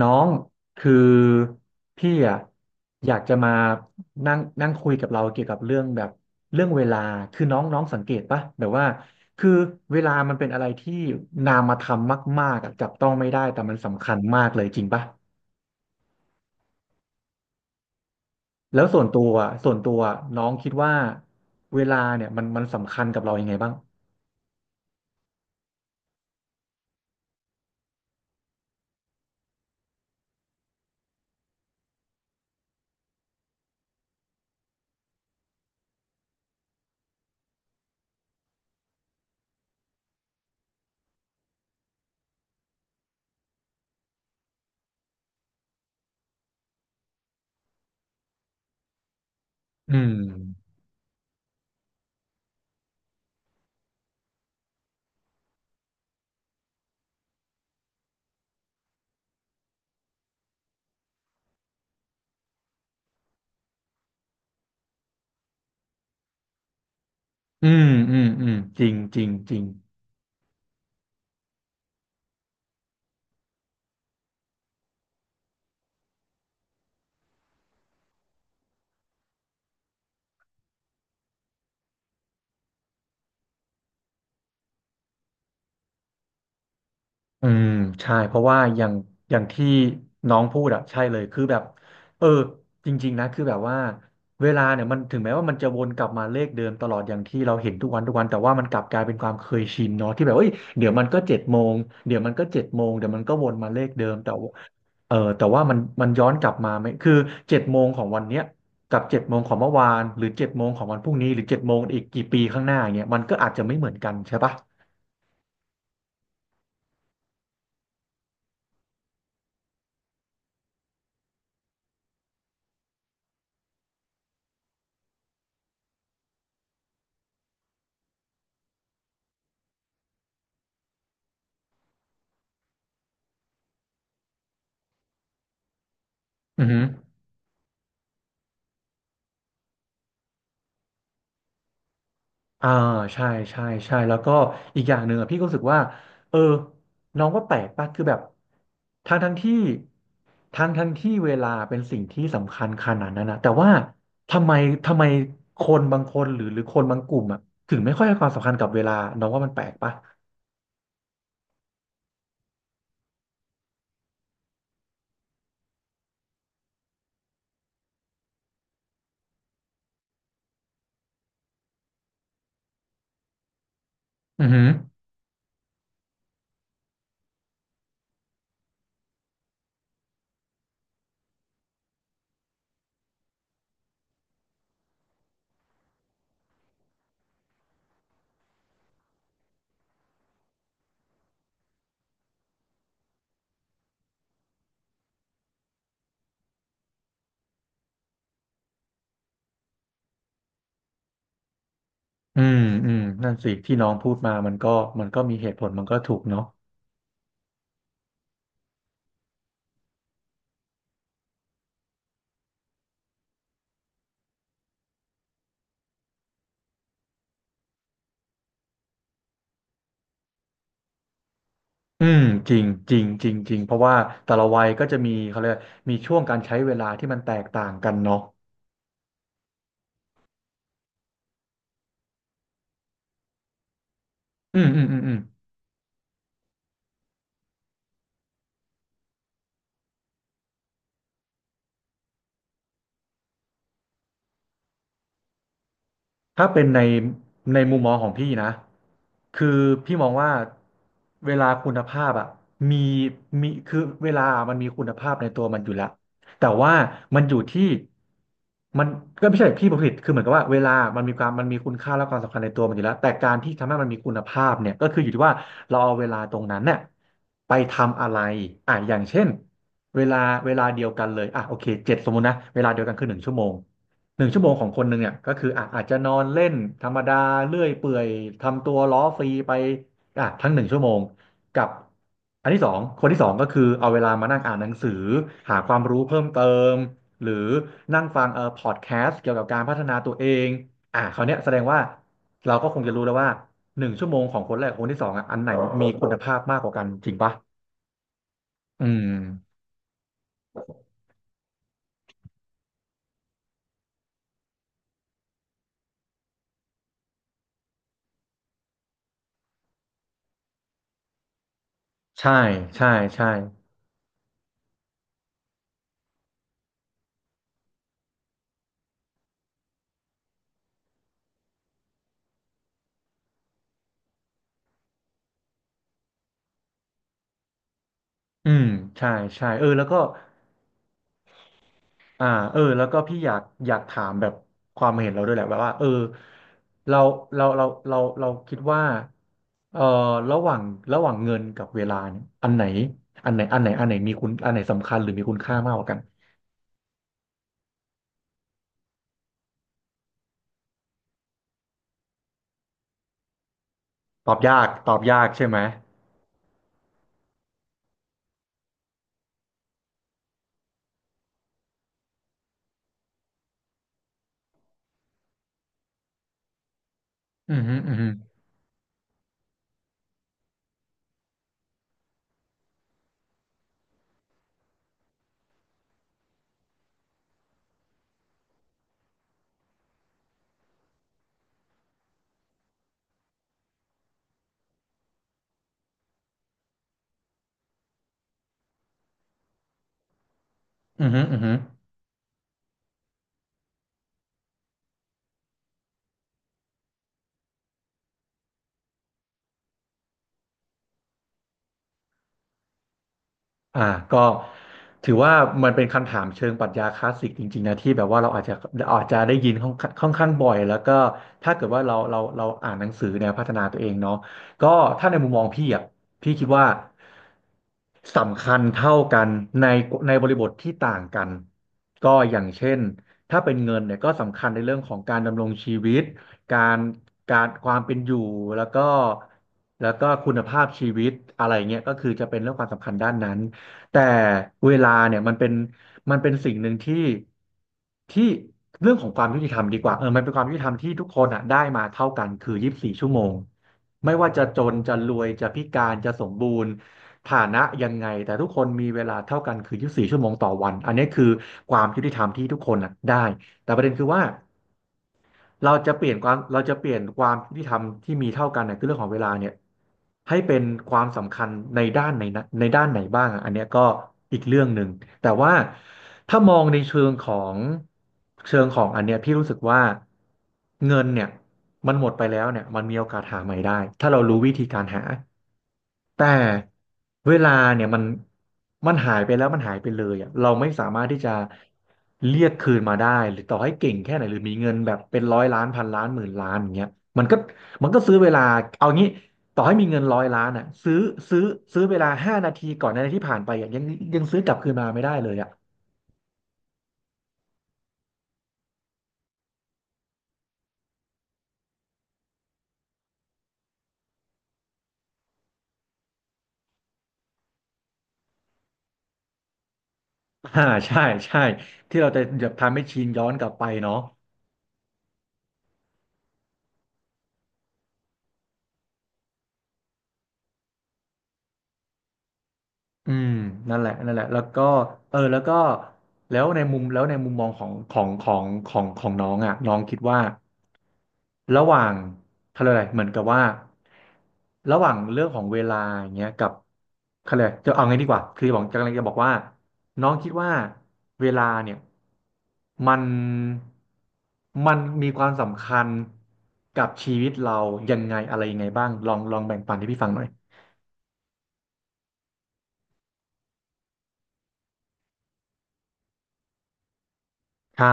น้องคือพี่อ่ะอยากจะมานั่งนั่งคุยกับเราเกี่ยวกับเรื่องแบบเรื่องเวลาคือน้องน้องสังเกตปะแบบว่าคือเวลามันเป็นอะไรที่นามธรรมมากๆอะจับต้องไม่ได้แต่มันสำคัญมากเลยจริงปะแล้วส่วนตัวอะส่วนตัวน้องคิดว่าเวลาเนี่ยมันสำคัญกับเรายังไงบ้างอืมอืมอืมอืมจริงจริงจริง อืมใช่เพราะว่าอย่างอย่างที่น้องพูดอะใช่เลยคือแบบเออจริงๆนะคือแบบว่าเวลาเนี่ยมันถึงแม้ว่ามันจะวนกลับมาเลขเดิมตลอดอย่างที่เราเห็นทุกวันทุกวันแต่ว่ามันกลับกลายเป็นความเคยชินเนาะที่แบบเอ้ยเดี๋ยวมันก็เจ็ดโมงเดี๋ยวมันก็วนมาเลขเดิมแต่ว่าเออแต่ว่ามันย้อนกลับมาไหมคือเจ็ดโมงของวันเนี้ยกับเจ็ดโมงของเมื่อวานหรือเจ็ดโมงของวันพรุ่งนี้หรือเจ็ดโมงอีกกี่ปีข้างหน้าอย่างเงี้ยมันก็อาจจะไม่เหมือนกันใช่ปะอือฮึ อ่าใช่ใช่ใช่แล้วก็อีกอย่างหนึ่งอะพี่ก็รู้สึกว่าเออน้องว่าแปลกป่ะคือแบบทั้งทั้งที่ทั้งที่เวลาเป็นสิ่งที่สำคัญขนาดนั้นนะแต่ว่าทำไมทำไมคนบางคนหรือหรือคนบางกลุ่มอ่ะถึงไม่ค่อยให้ความสำคัญกับเวลาน้องว่ามันแปลกป่ะอือหืออืมอืมนั่นสิที่น้องพูดมามันก็มีเหตุผลมันก็ถูกเนาะอืมจริงจริงจริงจริงเพราะว่าแต่ละวัยก็จะมีเขาเรียกมีช่วงการใช้เวลาที่มันแตกต่างกันเนาะ อืมอืมอืมอืมถ้าเป็นในในมุมมองของพี่นะคือพี่มองว่าเวลาคุณภาพอะมีมีคือเวลามันมีคุณภาพในตัวมันอยู่แล้วแต่ว่ามันอยู่ที่มันก็ไม่ใช่พี่ผลิตคือเหมือนกับว่าเวลามันมีความมันมีคุณค่าและความสำคัญในตัวมันอยู่แล้วแต่การที่ทำให้มันมีคุณภาพเนี่ยก็คืออยู่ที่ว่าเราเอาเวลาตรงนั้นเนี่ยไปทำอะไรอ่ะอย่างเช่นเวลาเวลาเดียวกันเลยอ่ะโอเคเจ็ดสมมตินะเวลาเดียวกันคือหนึ่งชั่วโมง หนึ่งชั่วโมงของคนหนึ่งเนี่ยก็คืออ่ะอาจจะนอนเล่นธรรมดาเลื่อยเปื่อยทำตัวล้อฟรีไปอ่ะทั้งหนึ่งชั่วโมงกับอันที่สองคนที่สองก็คือเอาเวลามานั่งอ่านหนังสือหาความรู้เพิ่มเติมหรือนั่งฟังพอดแคสต์เกี่ยวกับการพัฒนาตัวเองอ่ะคราวเนี้ยแสดงว่าเราก็คงจะรู้แล้วว่าหนึ่งชั่วโมงของคนแรกกับคนที่สองอ่ะอันไหนมีคุณภาพมากกว่ากันจริงปะอืมใช่ใช่ใช่อืมใช่ใช่เออแล้วก็ อ่าเออแล้วก็พี่อยากอยากถามแบบความเห็นเราด้วยแหละแบบว่าเออเราเราคิดว่าเออระหว่างระหว่างเงินกับเวลาเนี่ยอันไหนอันไหนอันไหนอันไหนมีคุณอันไหนสำคัญหรือมีคุณค่ามากกว่ากันตอบยากตอบยากใช่ไหมอือฮึอือฮึอือฮึอือฮึ อ่าก็ถือว่ามันเป็นคำถามเชิงปรัชญาคลาสสิกจริงๆนะที่แบบว่าเราอาจจะอาจจะได้ยินค่อนค่อนข้างบ่อยแล้วก็ถ้าเกิดว่าเราอ่านหนังสือแนวพัฒนาตัวเองเนาะก็ถ้าในมุมมองพี่อ่ะพี่คิดว่าสำคัญเท่ากันในในบริบทที่ต่างกันก็อย่างเช่นถ้าเป็นเงินเนี่ยก็สำคัญในเรื่องของการดำรงชีวิตการการความเป็นอยู่แล้วก็แล้วก็คุณภาพชีวิตอะไรเงี้ยก็คือจะเป็นเรื่องความสำคัญด้านนั้น แต่เวลาเนี่ยมันเป็นมันเป็นสิ่งหนึ่งที่ที่เรื่องของความยุติธรรมดีกว่าเออมันเป็นความยุติธรรมที่ทุกคนอ่ะได้มาเท่ากันคือ24 ชั่วโมงไม่ว่าจะจนจะรวยจะพิการจะสมบูรณ์ฐานะยังไงแต่ทุกคนมีเวลาเท่ากันคือยี4ชั่วโมงต่อวันอันนี้คือความยุติธรรมที่ทุกคนอ่ะได้แต่ประเด็นคือว่า เราจะเปลี่ยนความยุติธรรมที่มีเท่ากันเนี่ยคือเรื่องของเวลาเนี่ยให้เป็นความสำคัญในด้านไหนบ้างอะอันเนี้ยก็อีกเรื่องหนึ่งแต่ว่าถ้ามองในเชิงของอันเนี้ยพี่รู้สึกว่าเงินเนี่ยมันหมดไปแล้วเนี่ยมันมีโอกาสหาใหม่ได้ถ้าเรารู้วิธีการหา แต่เวลาเนี่ยมันหายไปแล้วมันหายไปเลยอ่ะเราไม่สามารถที่จะเรียกคืนมาได้หรือต่อให้เก่งแค่ไหนหรือมีเงินแบบเป็นร้อยล้านพันล้านหมื่นล้านอย่างเงี้ยมันก็มันก็ซื้อเวลาเอางี้ต่อให้มีเงินร้อยล้านอ่ะซื้อซื้อเวลาห้านาทีก่อนหนาทีที่ผ่านไปอ่ะยังซื้อกลับคืนมาไม่ได้เลยอ่ะ อ่าใช่ใช่ที่เราจะแบบทำให้ชินย้อนกลับไปเนาะ อืมนั่นแหละนั่นแหละแล้วก็เออแล้วก็แล้วในมุมมองของน้องอ่ะน้องคิดว่าระหว่างเขาเรียกอะไรเหมือนกับว่าระหว่างเรื่องของเวลาอย่างเงี้ยกับเขาเรียกอะไรจะเอาไงดีกว่าคือบอกจะกำลังจะบอกว่าน้องคิดว่าเวลาเนี่ยมันมันมีความสำคัญกับชีวิตเรายังไงอะไรยังไงบ้างลองลองแบ่งปันให้พี่ฟังหน่อยใช่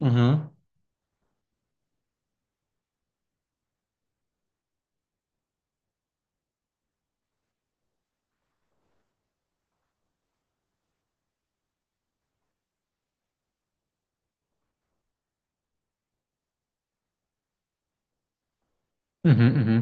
อือหืออือหืออือหือ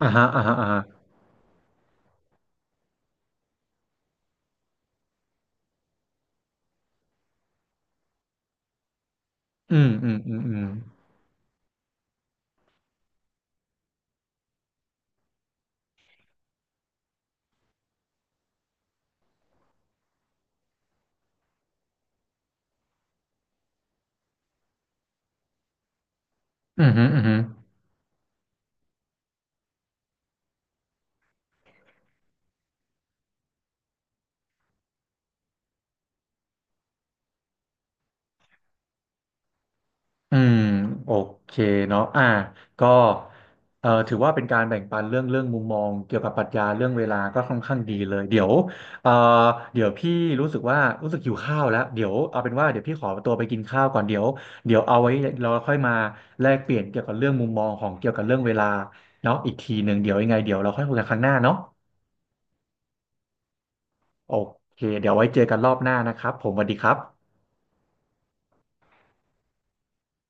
อ่าฮะอ่าฮะอ่าฮะอืมอืมอืมอืมอืมอืมอืมอืมโอเคเนาะอ่าก็ถือว่าเป็นการแบ่งปันเรื่องเรื่องมุมมองเกี่ยวกับปรัชญาเรื่องเวลาก็ค่อนข้างดีเลยเอ่อเดี๋ยวพี่รู้สึกหิวข้าวแล้วเดี๋ยวเอาเป็นว่าเดี๋ยวพี่ขอตัวไปกินข้าวก่อนเดี๋ยวเอาไว้เราค่อยมาแลกเปลี่ยนเกี่ยวกับเรื่องมุมมองเกี่ยวกับเรื่องเวลาเนาะอีกทีหนึ่งเดี๋ยวยังไงเดี๋ยวเราค่อยคุยกันครั้งหน้าเนาะโอเคเดี๋ยวไว้เจอกันรอบหน้านะครับผมสวัสดีครับ